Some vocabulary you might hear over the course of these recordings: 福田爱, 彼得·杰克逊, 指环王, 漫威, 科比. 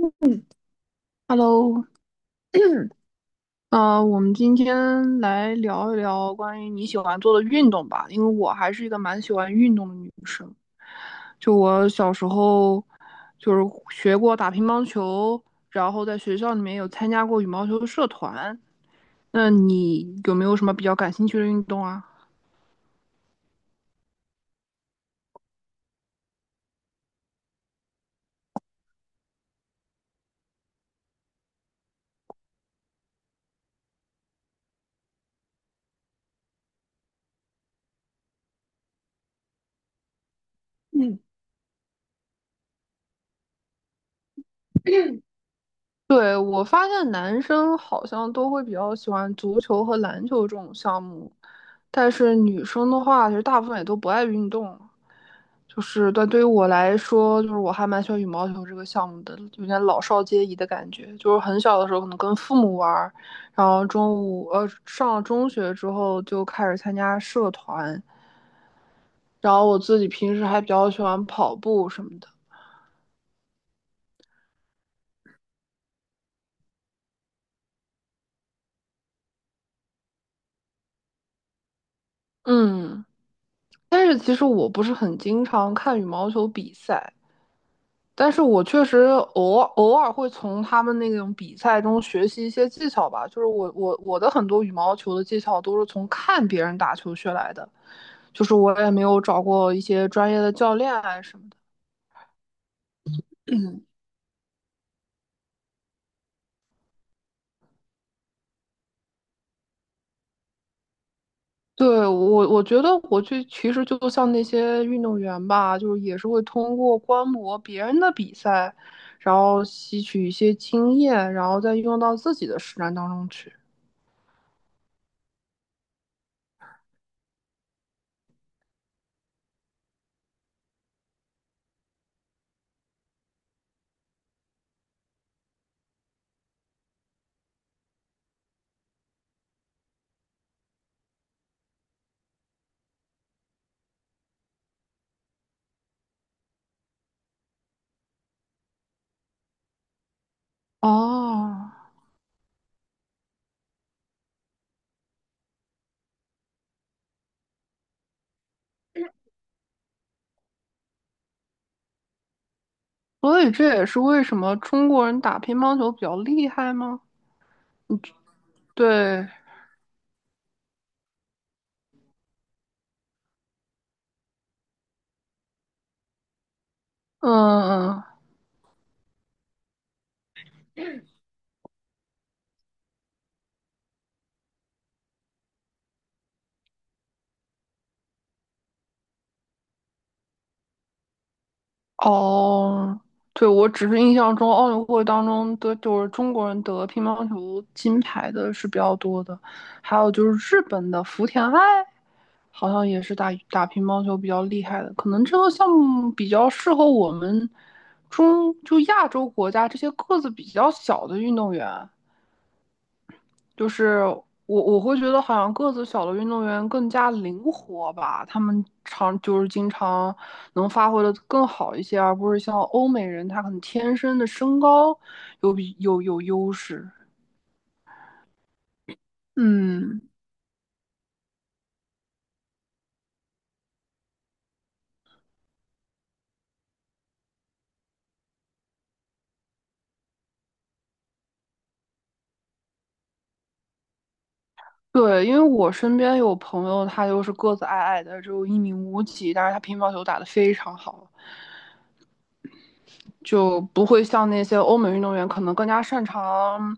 嗯，Hello，我们今天来聊一聊关于你喜欢做的运动吧，因为我还是一个蛮喜欢运动的女生。就我小时候，就是学过打乒乓球，然后在学校里面有参加过羽毛球的社团。那你有没有什么比较感兴趣的运动啊？嗯，对，我发现男生好像都会比较喜欢足球和篮球这种项目，但是女生的话，其实大部分也都不爱运动。就是但对于我来说，就是我还蛮喜欢羽毛球这个项目的，有点老少皆宜的感觉。就是很小的时候可能跟父母玩儿，然后中午上了中学之后就开始参加社团，然后我自己平时还比较喜欢跑步什么的。嗯，但是其实我不是很经常看羽毛球比赛，但是我确实偶尔会从他们那种比赛中学习一些技巧吧，就是我的很多羽毛球的技巧都是从看别人打球学来的，就是我也没有找过一些专业的教练啊什么的。对，我觉得我去其实就像那些运动员吧，就是也是会通过观摩别人的比赛，然后吸取一些经验，然后再用到自己的实战当中去。哦，所以这也是为什么中国人打乒乓球比较厉害吗？对，嗯，哦，对，我只是印象中奥运会当中的就是中国人得乒乓球金牌的是比较多的，还有就是日本的福田爱，好像也是打打乒乓球比较厉害的，可能这个项目比较适合我们就亚洲国家这些个子比较小的运动员。就是我会觉得好像个子小的运动员更加灵活吧，他们就是经常能发挥的更好一些，而不是像欧美人，他可能天生的身高有比有有优势。嗯对，因为我身边有朋友，他就是个子矮矮的，只有一米五几，但是他乒乓球打得非常好，就不会像那些欧美运动员可能更加擅长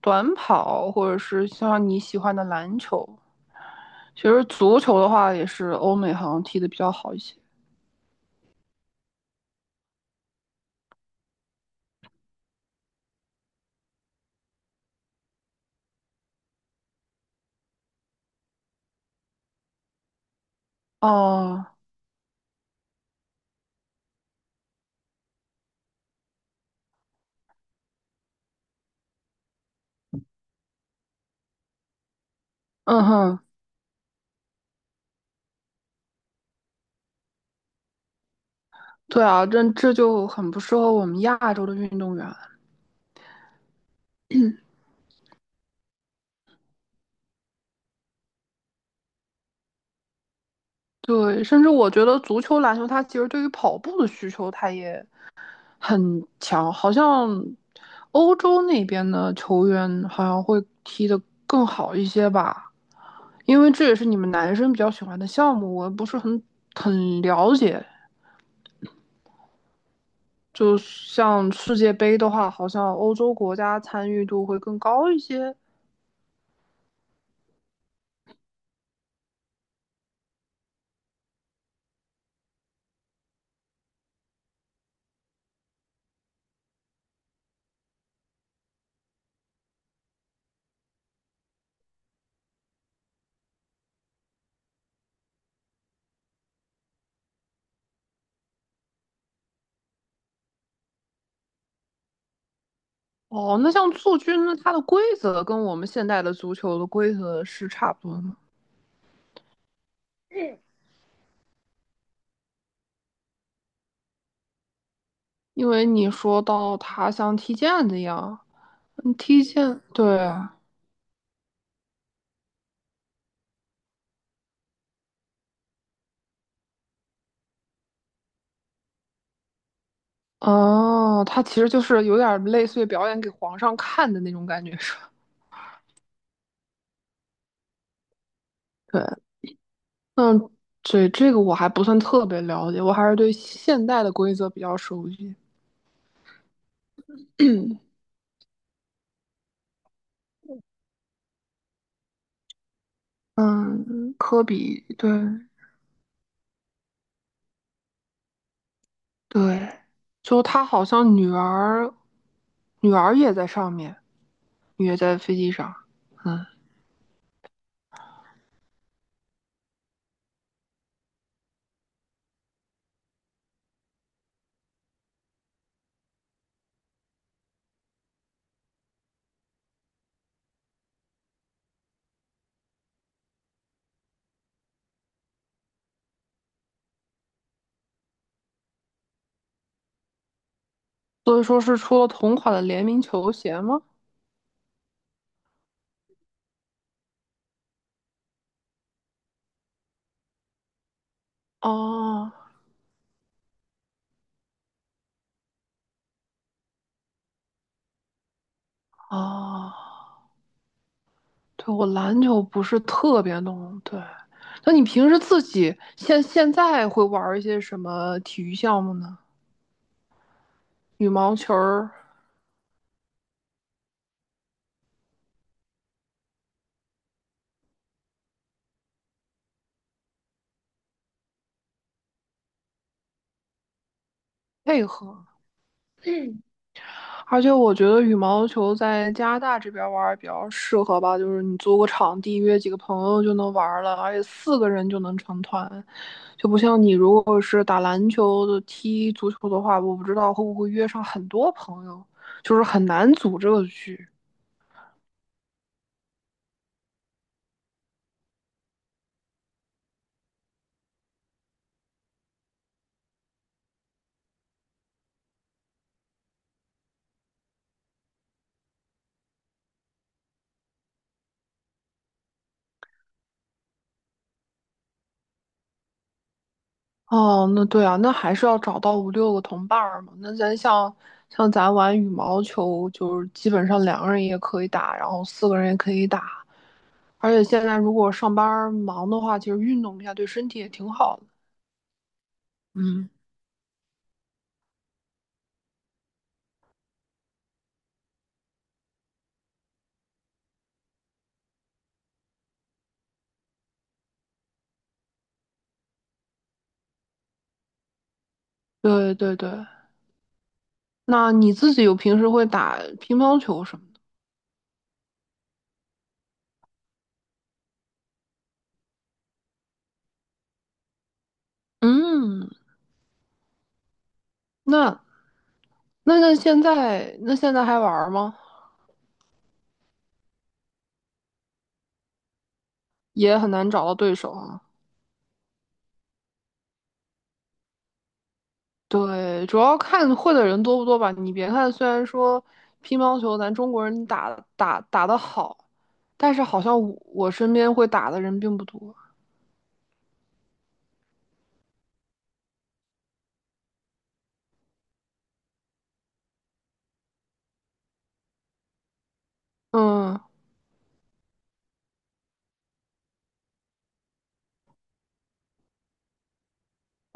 短跑，或者是像你喜欢的篮球。其实足球的话，也是欧美好像踢得比较好一些。哦，嗯哼，对啊，这就很不适合我们亚洲的运动员。对，甚至我觉得足球、篮球，它其实对于跑步的需求，它也很强。好像欧洲那边的球员好像会踢得更好一些吧，因为这也是你们男生比较喜欢的项目，我不是很了解。就像世界杯的话，好像欧洲国家参与度会更高一些。哦，那像蹴鞠呢，那它的规则跟我们现代的足球的规则是差不多的吗？因为你说到它像踢毽子一样，嗯踢毽，对啊，哦，它其实就是有点类似于表演给皇上看的那种感觉，是吧？对，那这个我还不算特别了解，我还是对现代的规则比较熟悉。嗯，科比，对，对，就他好像女儿，女儿也在上面，也在飞机上，嗯，所以说是出了同款的联名球鞋吗？哦哦，对，我篮球不是特别懂，对。那你平时自己现在会玩一些什么体育项目呢？羽毛球儿配合。而且我觉得羽毛球在加拿大这边玩儿比较适合吧，就是你租个场地，约几个朋友就能玩儿了，而且四个人就能成团，就不像你如果是打篮球的、踢足球的话，我不知道会不会约上很多朋友，就是很难组这个局。哦，那对啊，那还是要找到五六个同伴儿嘛。那咱像像咱玩羽毛球，就是基本上两个人也可以打，然后四个人也可以打。而且现在如果上班忙的话，其实运动一下对身体也挺好的。嗯对对对，那你自己有平时会打乒乓球什么的？嗯，那那现在还玩吗？也很难找到对手啊。对，主要看会的人多不多吧。你别看虽然说乒乓球咱中国人打得好，但是好像我身边会打的人并不多。嗯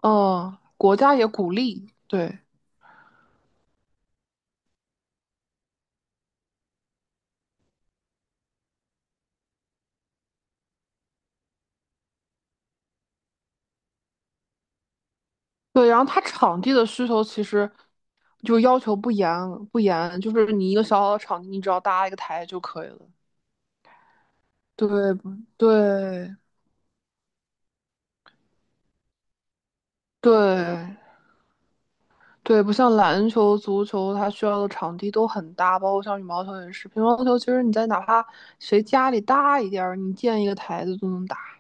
嗯，国家也鼓励，对。对，然后它场地的需求其实就要求不严，就是你一个小小的场地，你只要搭一个台就可以了。对不对对对，不像篮球、足球，它需要的场地都很大，包括像羽毛球也是。乒乓球其实你在哪怕谁家里大一点儿，你建一个台子都能打。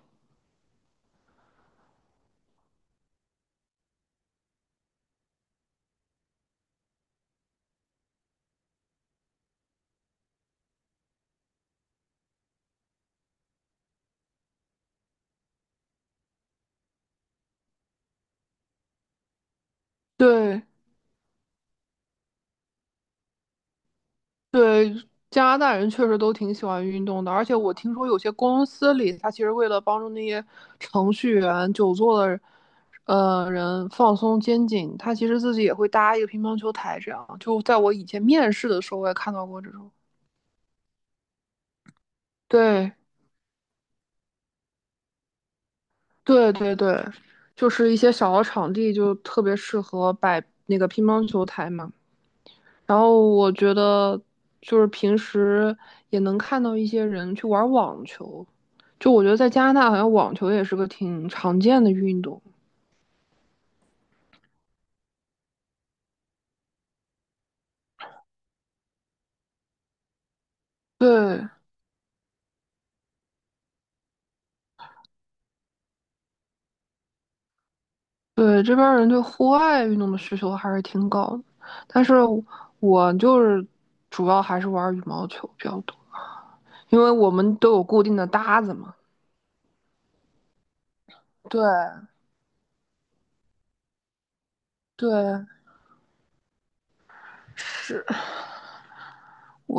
对对，加拿大人确实都挺喜欢运动的，而且我听说有些公司里，他其实为了帮助那些程序员、久坐的人放松肩颈，他其实自己也会搭一个乒乓球台，这样。就在我以前面试的时候，我也看到过这种。对，对对对，就是一些小的场地就特别适合摆那个乒乓球台嘛。然后我觉得就是平时也能看到一些人去玩网球，就我觉得在加拿大好像网球也是个挺常见的运动。对对，这边儿人对户外运动的需求还是挺高的，但是我就是主要还是玩羽毛球比较多，因为我们都有固定的搭子嘛。对对，是。我。